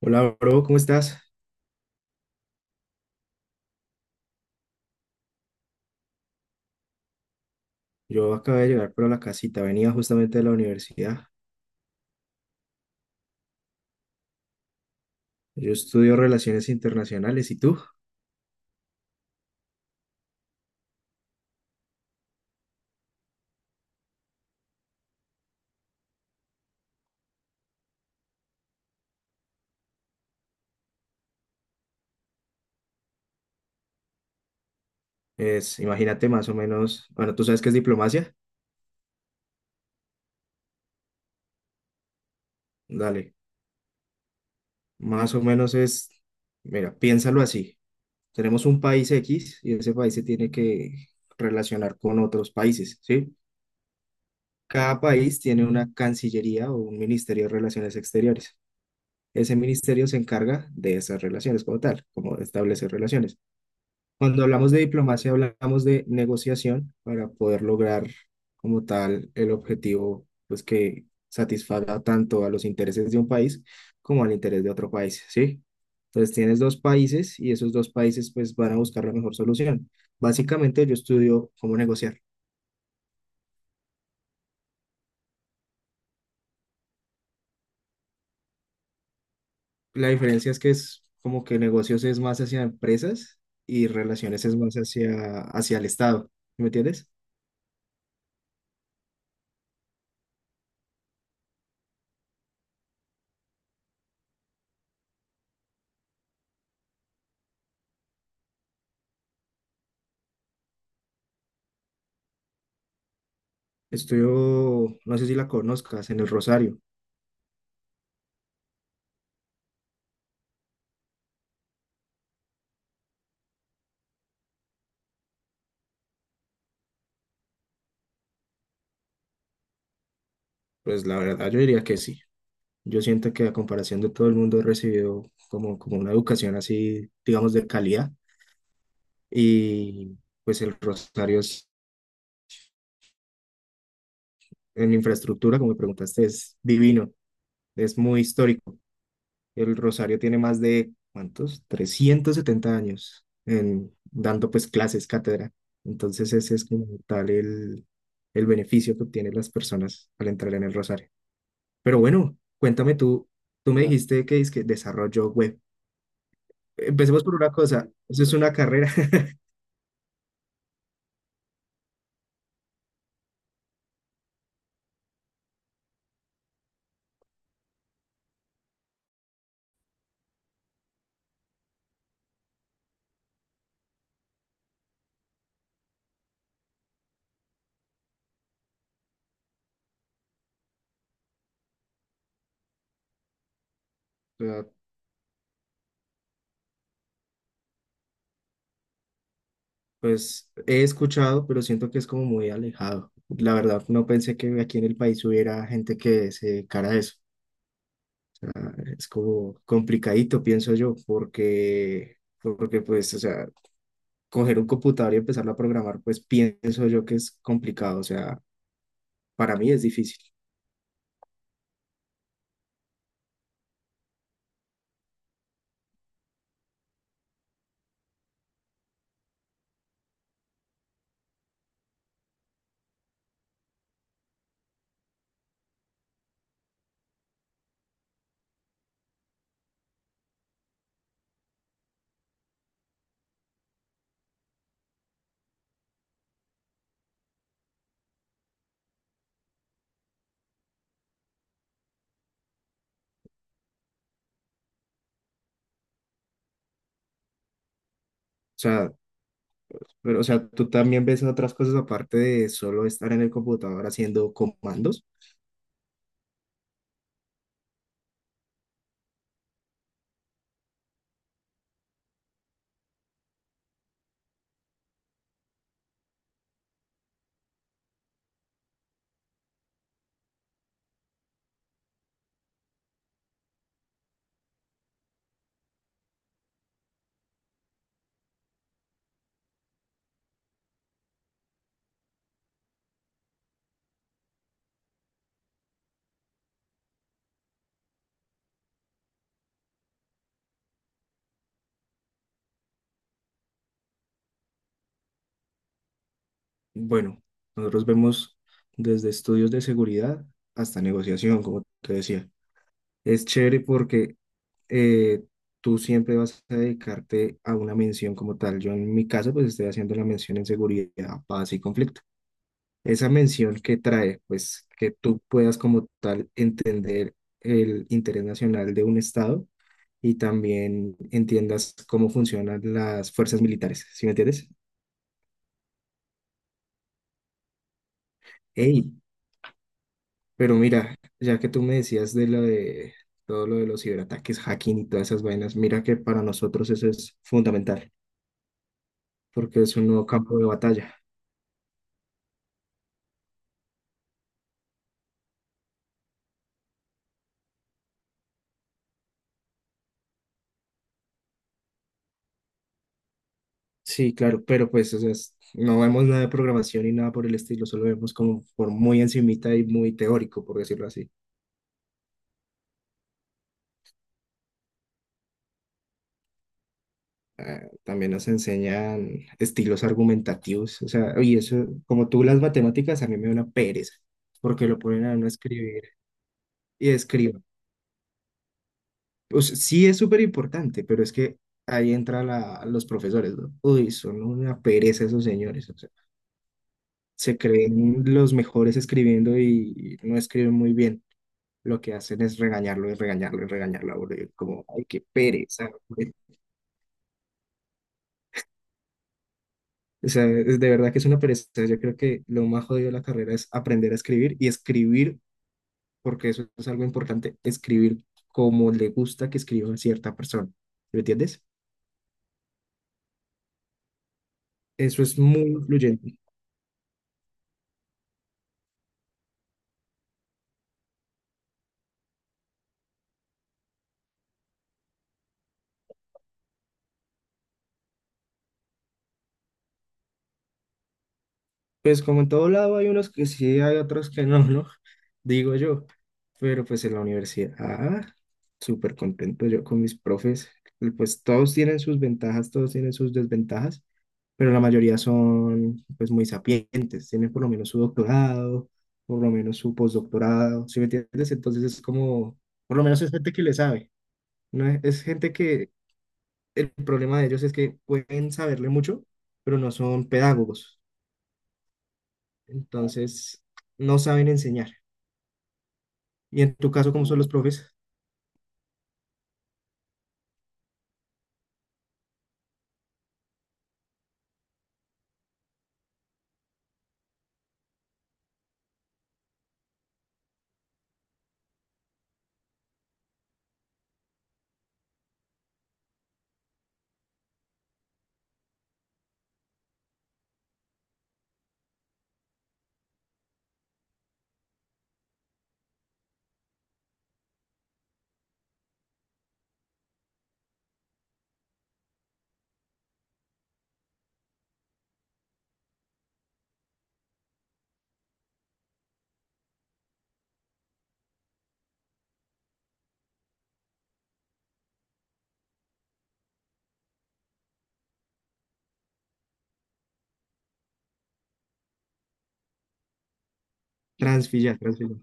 Hola, bro, ¿cómo estás? Yo acabé de llegar por la casita, venía justamente de la universidad. Yo estudio relaciones internacionales, ¿y tú? Es, imagínate más o menos, bueno, ¿tú sabes qué es diplomacia? Dale, más o menos es, mira, piénsalo así. Tenemos un país X y ese país se tiene que relacionar con otros países, ¿sí? Cada país tiene una cancillería o un ministerio de relaciones exteriores. Ese ministerio se encarga de esas relaciones como tal, como de establecer relaciones. Cuando hablamos de diplomacia, hablamos de negociación para poder lograr como tal el objetivo, pues que satisfaga tanto a los intereses de un país como al interés de otro país, ¿sí? Entonces tienes dos países y esos dos países pues van a buscar la mejor solución. Básicamente yo estudio cómo negociar. La diferencia es que es como que negocios es más hacia empresas y relaciones es más hacia, hacia el Estado, ¿sí, ¿me entiendes? Estudio, no sé si la conozcas, en el Rosario. Pues la verdad yo diría que sí. Yo siento que a comparación de todo el mundo he recibido como, como una educación así, digamos, de calidad. Y pues el Rosario es- en infraestructura, como me preguntaste, es divino, es muy histórico. El Rosario tiene más de, ¿cuántos? 370 años, en, dando pues clases, cátedra. Entonces ese es como tal el beneficio que obtienen las personas al entrar en el Rosario. Pero bueno, cuéntame tú, tú me dijiste que es que desarrollo web. Empecemos por una cosa, eso es una carrera. O sea, pues he escuchado, pero siento que es como muy alejado. La verdad, no pensé que aquí en el país hubiera gente que se dedicara a eso. O sea, es como complicadito, pienso yo, porque, porque pues, o sea, coger un computador y empezarlo a programar, pues pienso yo que es complicado. O sea, para mí es difícil. O sea, pero, o sea, tú también ves otras cosas aparte de solo estar en el computador haciendo comandos. Bueno, nosotros vemos desde estudios de seguridad hasta negociación, como te decía. Es chévere porque eh, tú siempre vas a dedicarte a una mención como tal. Yo en mi caso, pues estoy haciendo la mención en seguridad, paz y conflicto. Esa mención que trae, pues que tú puedas como tal entender el interés nacional de un Estado y también entiendas cómo funcionan las fuerzas militares, ¿sí me entiendes? ¡Ey! Pero mira, ya que tú me decías de lo de todo lo de los ciberataques, hacking y todas esas vainas, mira que para nosotros eso es fundamental, porque es un nuevo campo de batalla. Sí, claro, pero pues o sea, es- no vemos nada de programación y nada por el estilo, solo vemos como por muy encimita y muy teórico, por decirlo así. También nos enseñan estilos argumentativos, o sea, y eso, como tú las matemáticas, a mí me da una pereza, porque lo ponen a uno a escribir y escriba. Pues sí es súper importante, pero es que ahí entra la, los profesores, ¿no? Uy, son una pereza esos señores, o sea, se creen los mejores escribiendo y no escriben muy bien. Lo que hacen es regañarlo y regañarlo y regañarlo a uno, y como, ay, qué pereza, güey. O sea, es de verdad que es una pereza. Yo creo que lo más jodido de la carrera es aprender a escribir y escribir, porque eso es algo importante, escribir como le gusta que escriba a cierta persona. ¿Sí, ¿me entiendes? Eso es muy influyente. Pues como en todo lado hay unos que sí, hay otros que no, ¿no? Digo yo. Pero pues en la universidad, ah, súper contento yo con mis profes. Y pues todos tienen sus ventajas, todos tienen sus desventajas, pero la mayoría son pues muy sapientes, tienen por lo menos su doctorado, por lo menos su postdoctorado, ¿sí me entiendes? Entonces es como, por lo menos es gente que le sabe, ¿no? Es gente que el problema de ellos es que pueden saberle mucho, pero no son pedagogos, entonces no saben enseñar. Y en tu caso, ¿cómo son los profes? Transfillar, transfillar. O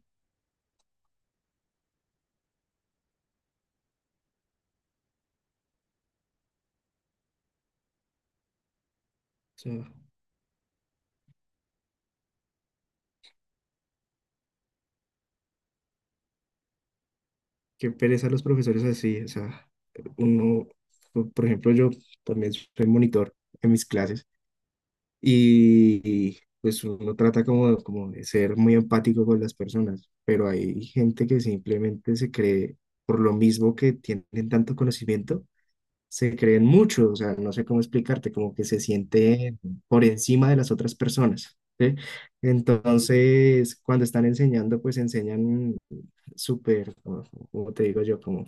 sea, qué pereza los profesores así. O sea, uno, por ejemplo, yo también soy monitor en mis clases y pues uno trata como, como de ser muy empático con las personas, pero hay gente que simplemente se cree por lo mismo que tienen tanto conocimiento, se creen mucho, o sea, no sé cómo explicarte, como que se siente por encima de las otras personas, ¿sí? Entonces, cuando están enseñando, pues enseñan súper, como te digo yo, como,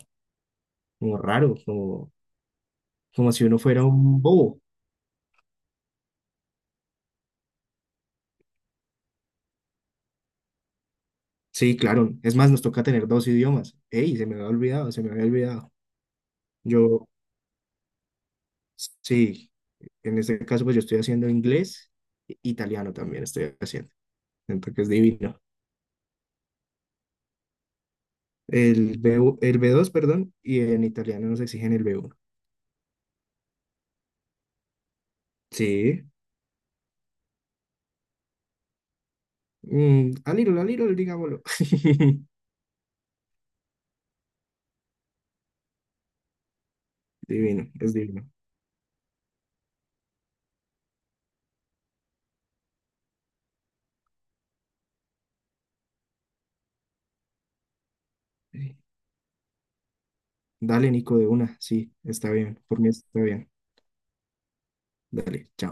como raro, como, como si uno fuera un bobo. Sí, claro, es más, nos toca tener dos idiomas. ¡Ey! Se me había olvidado, se me había olvidado. Yo, sí, en este caso, pues yo estoy haciendo inglés, italiano también estoy haciendo, entonces es divino. El B1, el B2, perdón, y en italiano nos exigen el B1. Sí. Mm, a little, digámoslo. Divino, es divino. Dale, Nico, de una. Sí, está bien. Por mí está bien. Dale, chao.